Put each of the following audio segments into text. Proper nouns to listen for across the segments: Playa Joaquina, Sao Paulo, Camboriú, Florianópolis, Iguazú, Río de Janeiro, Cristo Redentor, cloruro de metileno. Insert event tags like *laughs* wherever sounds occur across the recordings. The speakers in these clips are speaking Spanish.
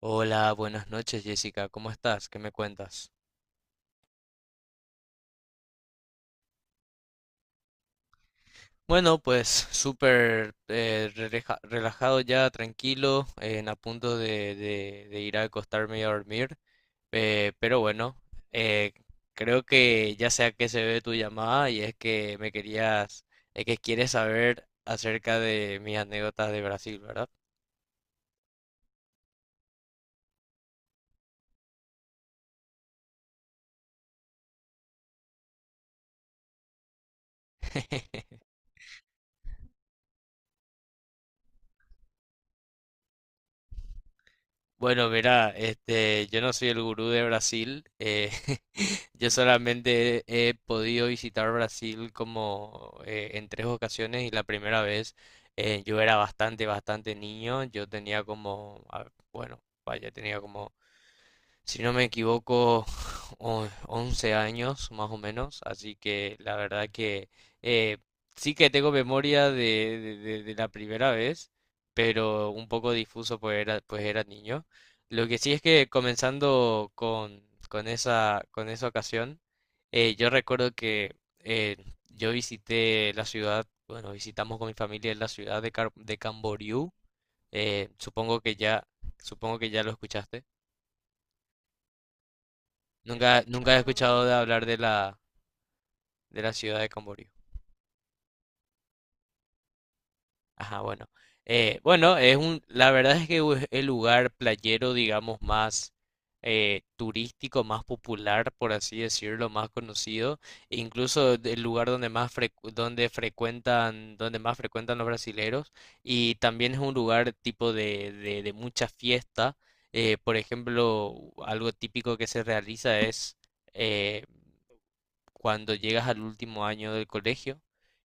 Hola, buenas noches Jessica, ¿cómo estás? ¿Qué me cuentas? Bueno, pues súper relajado ya, tranquilo, en a punto de, de ir a acostarme y a dormir. Eh, pero bueno, eh, creo que ya sé a qué se ve tu llamada y es que me es que quieres saber acerca de mis anécdotas de Brasil, ¿verdad? *laughs* Bueno, verá, este, yo no soy el gurú de Brasil. *laughs* Yo solamente he podido visitar Brasil como en 3 ocasiones. Y la primera vez yo era bastante niño. Yo tenía como, bueno, vaya, tenía como, si no me equivoco, *laughs* 11 años más o menos, así que la verdad que eh, sí que tengo memoria de, de la primera vez, pero un poco difuso, pues era niño. Lo que sí es que comenzando con esa ocasión, yo recuerdo que yo visité la ciudad, bueno, visitamos con mi familia la ciudad de, de Camboriú. Supongo que ya lo escuchaste. Nunca, nunca he escuchado de hablar de la ciudad de Camboriú. Ajá, bueno. Bueno, es un, la verdad es que es el lugar playero, digamos, más turístico, más popular, por así decirlo, más conocido. E incluso el lugar donde frecuentan, donde más frecuentan los brasileros. Y también es un lugar tipo de mucha fiesta. Por ejemplo, algo típico que se realiza es, eh, cuando llegas al último año del colegio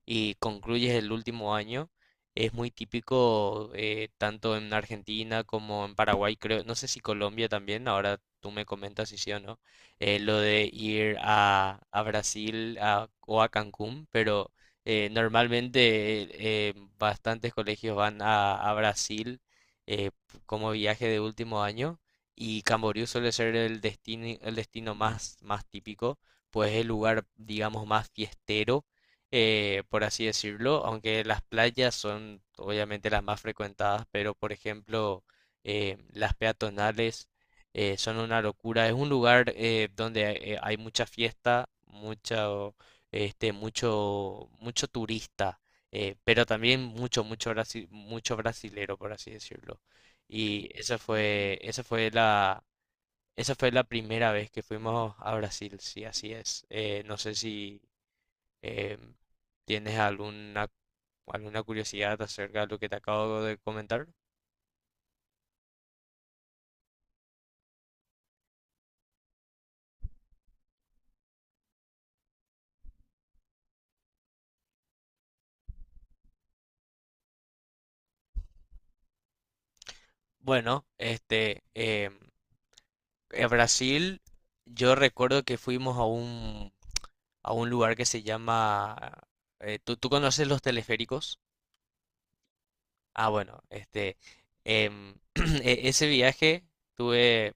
y concluyes el último año, es muy típico, tanto en Argentina como en Paraguay, creo, no sé si Colombia también, ahora tú me comentas si sí o no. Lo de ir a Brasil o a Cancún. Pero normalmente bastantes colegios van a Brasil eh, como viaje de último año, y Camboriú suele ser el destino más, más típico, pues el lugar, digamos, más fiestero, por así decirlo. Aunque las playas son obviamente las más frecuentadas, pero por ejemplo, las peatonales son una locura. Es un lugar donde hay mucha fiesta, mucho, este, mucho, mucho turista, pero también mucho, mucho brasilero, por así decirlo. Y esa fue, esa fue la primera vez que fuimos a Brasil, sí, así es. No sé si eh, tienes alguna, alguna curiosidad acerca de lo que te acabo de comentar. Bueno, este, en Brasil, yo recuerdo que fuimos a un lugar que se llama... ¿tú, tú conoces los teleféricos? Ah, bueno, este, em, *clears throat* ese viaje tuve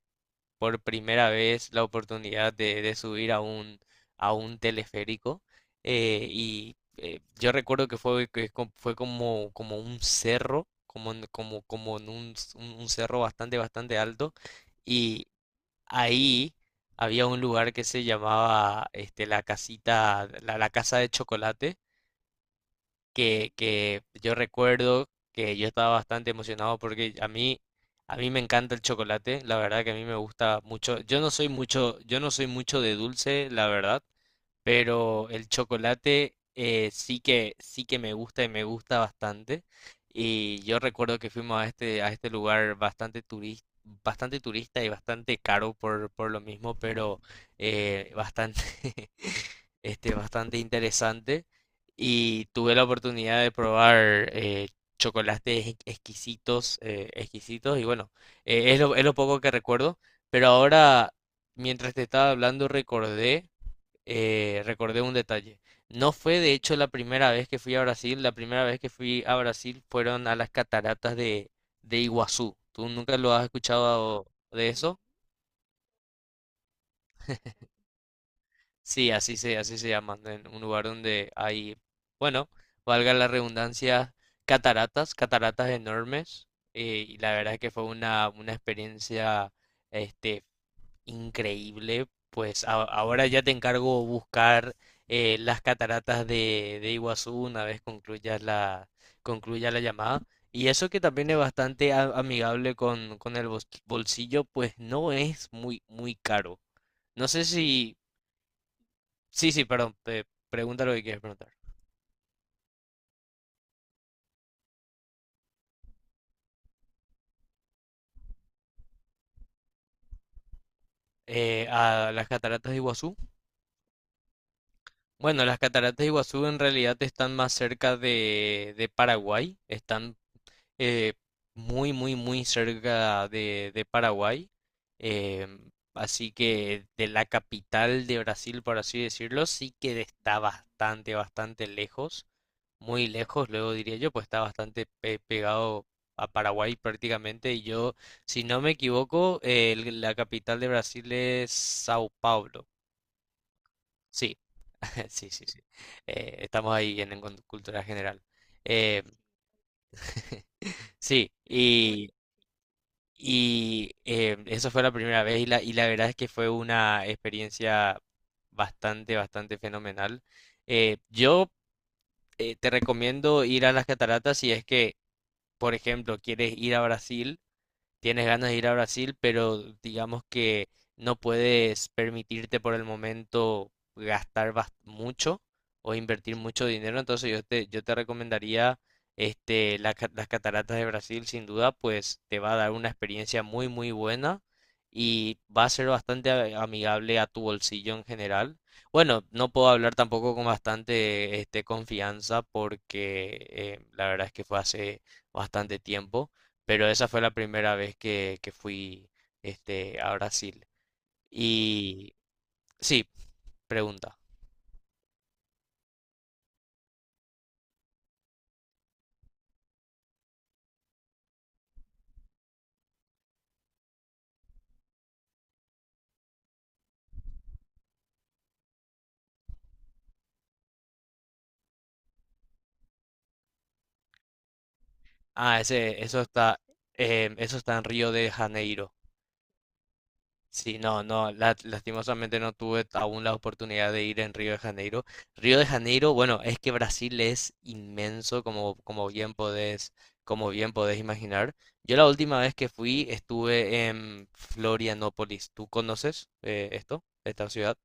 por primera vez la oportunidad de subir a un teleférico. Yo recuerdo que fue, fue como, como un cerro, como, como en un, un cerro bastante, bastante alto. Y ahí había un lugar que se llamaba, este, la casita, la casa de chocolate, que yo recuerdo que yo estaba bastante emocionado porque a mí me encanta el chocolate, la verdad que a mí me gusta mucho. Yo no soy mucho, yo no soy mucho de dulce, la verdad, pero el chocolate sí que me gusta y me gusta bastante. Y yo recuerdo que fuimos a este lugar bastante turista y bastante caro por lo mismo. Pero bastante, *laughs* este, bastante interesante, y tuve la oportunidad de probar exquisitos, exquisitos. Y bueno, es lo poco que recuerdo. Pero ahora, mientras te estaba hablando, recordé, recordé un detalle. No fue de hecho la primera vez que fui a Brasil. La primera vez que fui a Brasil fueron a las cataratas de Iguazú. ¿Tú nunca lo has escuchado de eso? Sí, así se llama, en un lugar donde hay, bueno, valga la redundancia, cataratas, cataratas enormes. Y la verdad es que fue una experiencia, este, increíble. Pues ahora ya te encargo buscar las cataratas de Iguazú una vez concluya la llamada. Y eso que también es bastante amigable con, bolsillo, pues no es muy, muy caro. No sé si. Sí, sí, perdón, te pregunta lo que quieres preguntar. A las cataratas de Iguazú. Bueno, las cataratas de Iguazú en realidad están más cerca de Paraguay, están eh, muy, muy, muy cerca de Paraguay. Así que de la capital de Brasil, por así decirlo, sí que está bastante, bastante lejos. Muy lejos, luego diría yo, pues está pegado a Paraguay prácticamente. Y yo, si no me equivoco, la capital de Brasil es Sao Paulo. Sí, *laughs* sí, sí, sí. Estamos ahí en cultura general. Eh, sí. Y eso fue la primera vez. Y la, y la verdad es que fue una experiencia bastante, bastante fenomenal. Yo Te recomiendo ir a las cataratas si es que, por ejemplo, quieres ir a Brasil. Tienes ganas de ir a Brasil, pero digamos que no puedes permitirte por el momento mucho o invertir mucho dinero. Entonces yo te recomendaría, este, las cataratas de Brasil, sin duda, pues te va a dar una experiencia muy, muy buena, y va a ser bastante amigable a tu bolsillo en general. Bueno, no puedo hablar tampoco con bastante, este, confianza, porque la verdad es que fue hace bastante tiempo. Pero esa fue la primera vez que fui, este, a Brasil. Y sí, pregunta. Ah, ese, eso está, eso está en Río de Janeiro. Sí, no, no, lastimosamente no tuve aún la oportunidad de ir en Río de Janeiro. Río de Janeiro, bueno, es que Brasil es inmenso, como, como bien podés imaginar. Yo la última vez que fui estuve en Florianópolis. ¿Tú conoces esta ciudad?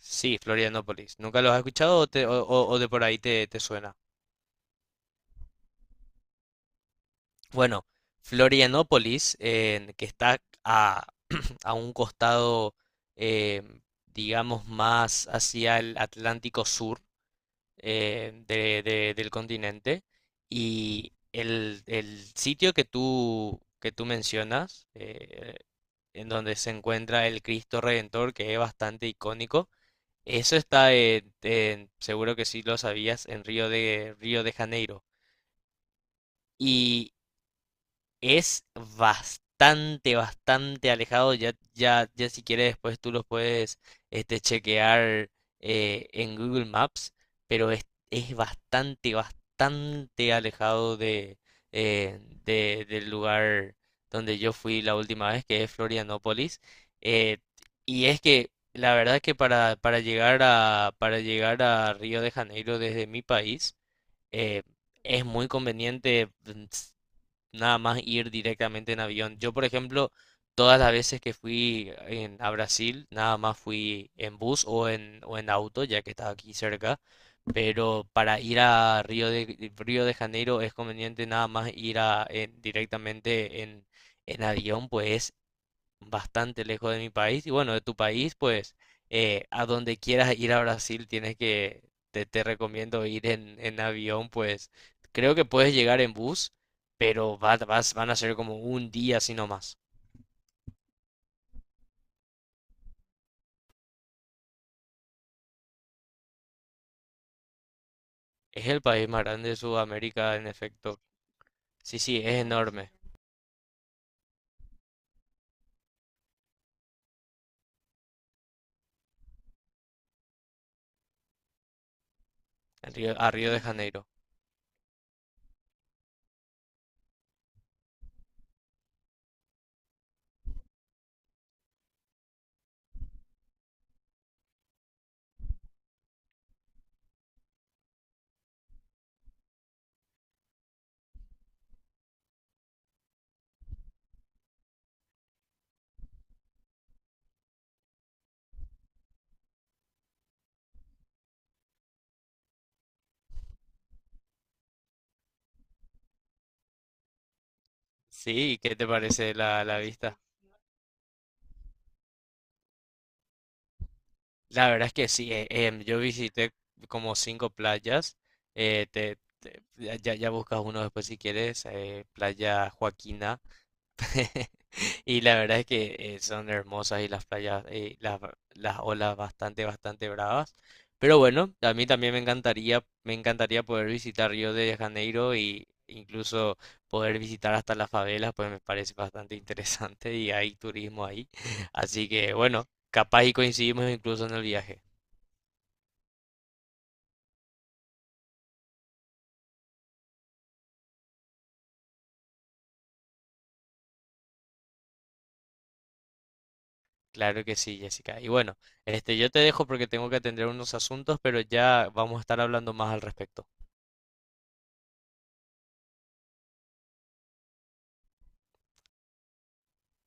Sí, Florianópolis. ¿Nunca los has escuchado o, o de por ahí te, te suena? Bueno, Florianópolis, que está a, *clears throat* a un costado, eh, digamos, más hacia el Atlántico Sur, del continente. Y el sitio que tú mencionas, en donde se encuentra el Cristo Redentor, que es bastante icónico, eso está en, seguro que sí lo sabías, en Río de Janeiro, es bastante, bastante alejado. Ya, ya, ya si quieres después tú los puedes, este, chequear en Google Maps, pero es bastante, bastante alejado de, del lugar donde yo fui la última vez, que es Florianópolis. Eh, y es que la verdad que para llegar a Río de Janeiro desde mi país, eh, es muy conveniente, nada más ir directamente en avión. Yo, por ejemplo, todas las veces que fui a Brasil, nada más fui en bus o en auto, ya que estaba aquí cerca. Pero para ir a Río de Janeiro es conveniente nada más ir a, directamente en avión, pues bastante lejos de mi país. Y bueno, de tu país, pues a donde quieras ir a Brasil, tienes que, te recomiendo ir en avión, pues creo que puedes llegar en bus, pero vas, van a ser como un día así nomás. Es el país más grande de Sudamérica, en efecto. Sí, sí, es enorme. En a Río de Janeiro. Sí, ¿qué te parece la, la vista? La verdad es que sí, yo visité como 5 playas. Ya, ya ya buscas uno después si quieres, Playa Joaquina. *laughs* Y la verdad es que son hermosas. Y las playas, las olas bastante, bastante bravas. Pero bueno, a mí también me encantaría poder visitar Río de Janeiro, y incluso poder visitar hasta las favelas, pues me parece bastante interesante y hay turismo ahí. *laughs* Así que bueno, capaz y coincidimos incluso en el viaje. Claro que sí, Jessica. Y bueno, este, yo te dejo porque tengo que atender unos asuntos, pero ya vamos a estar hablando más al respecto.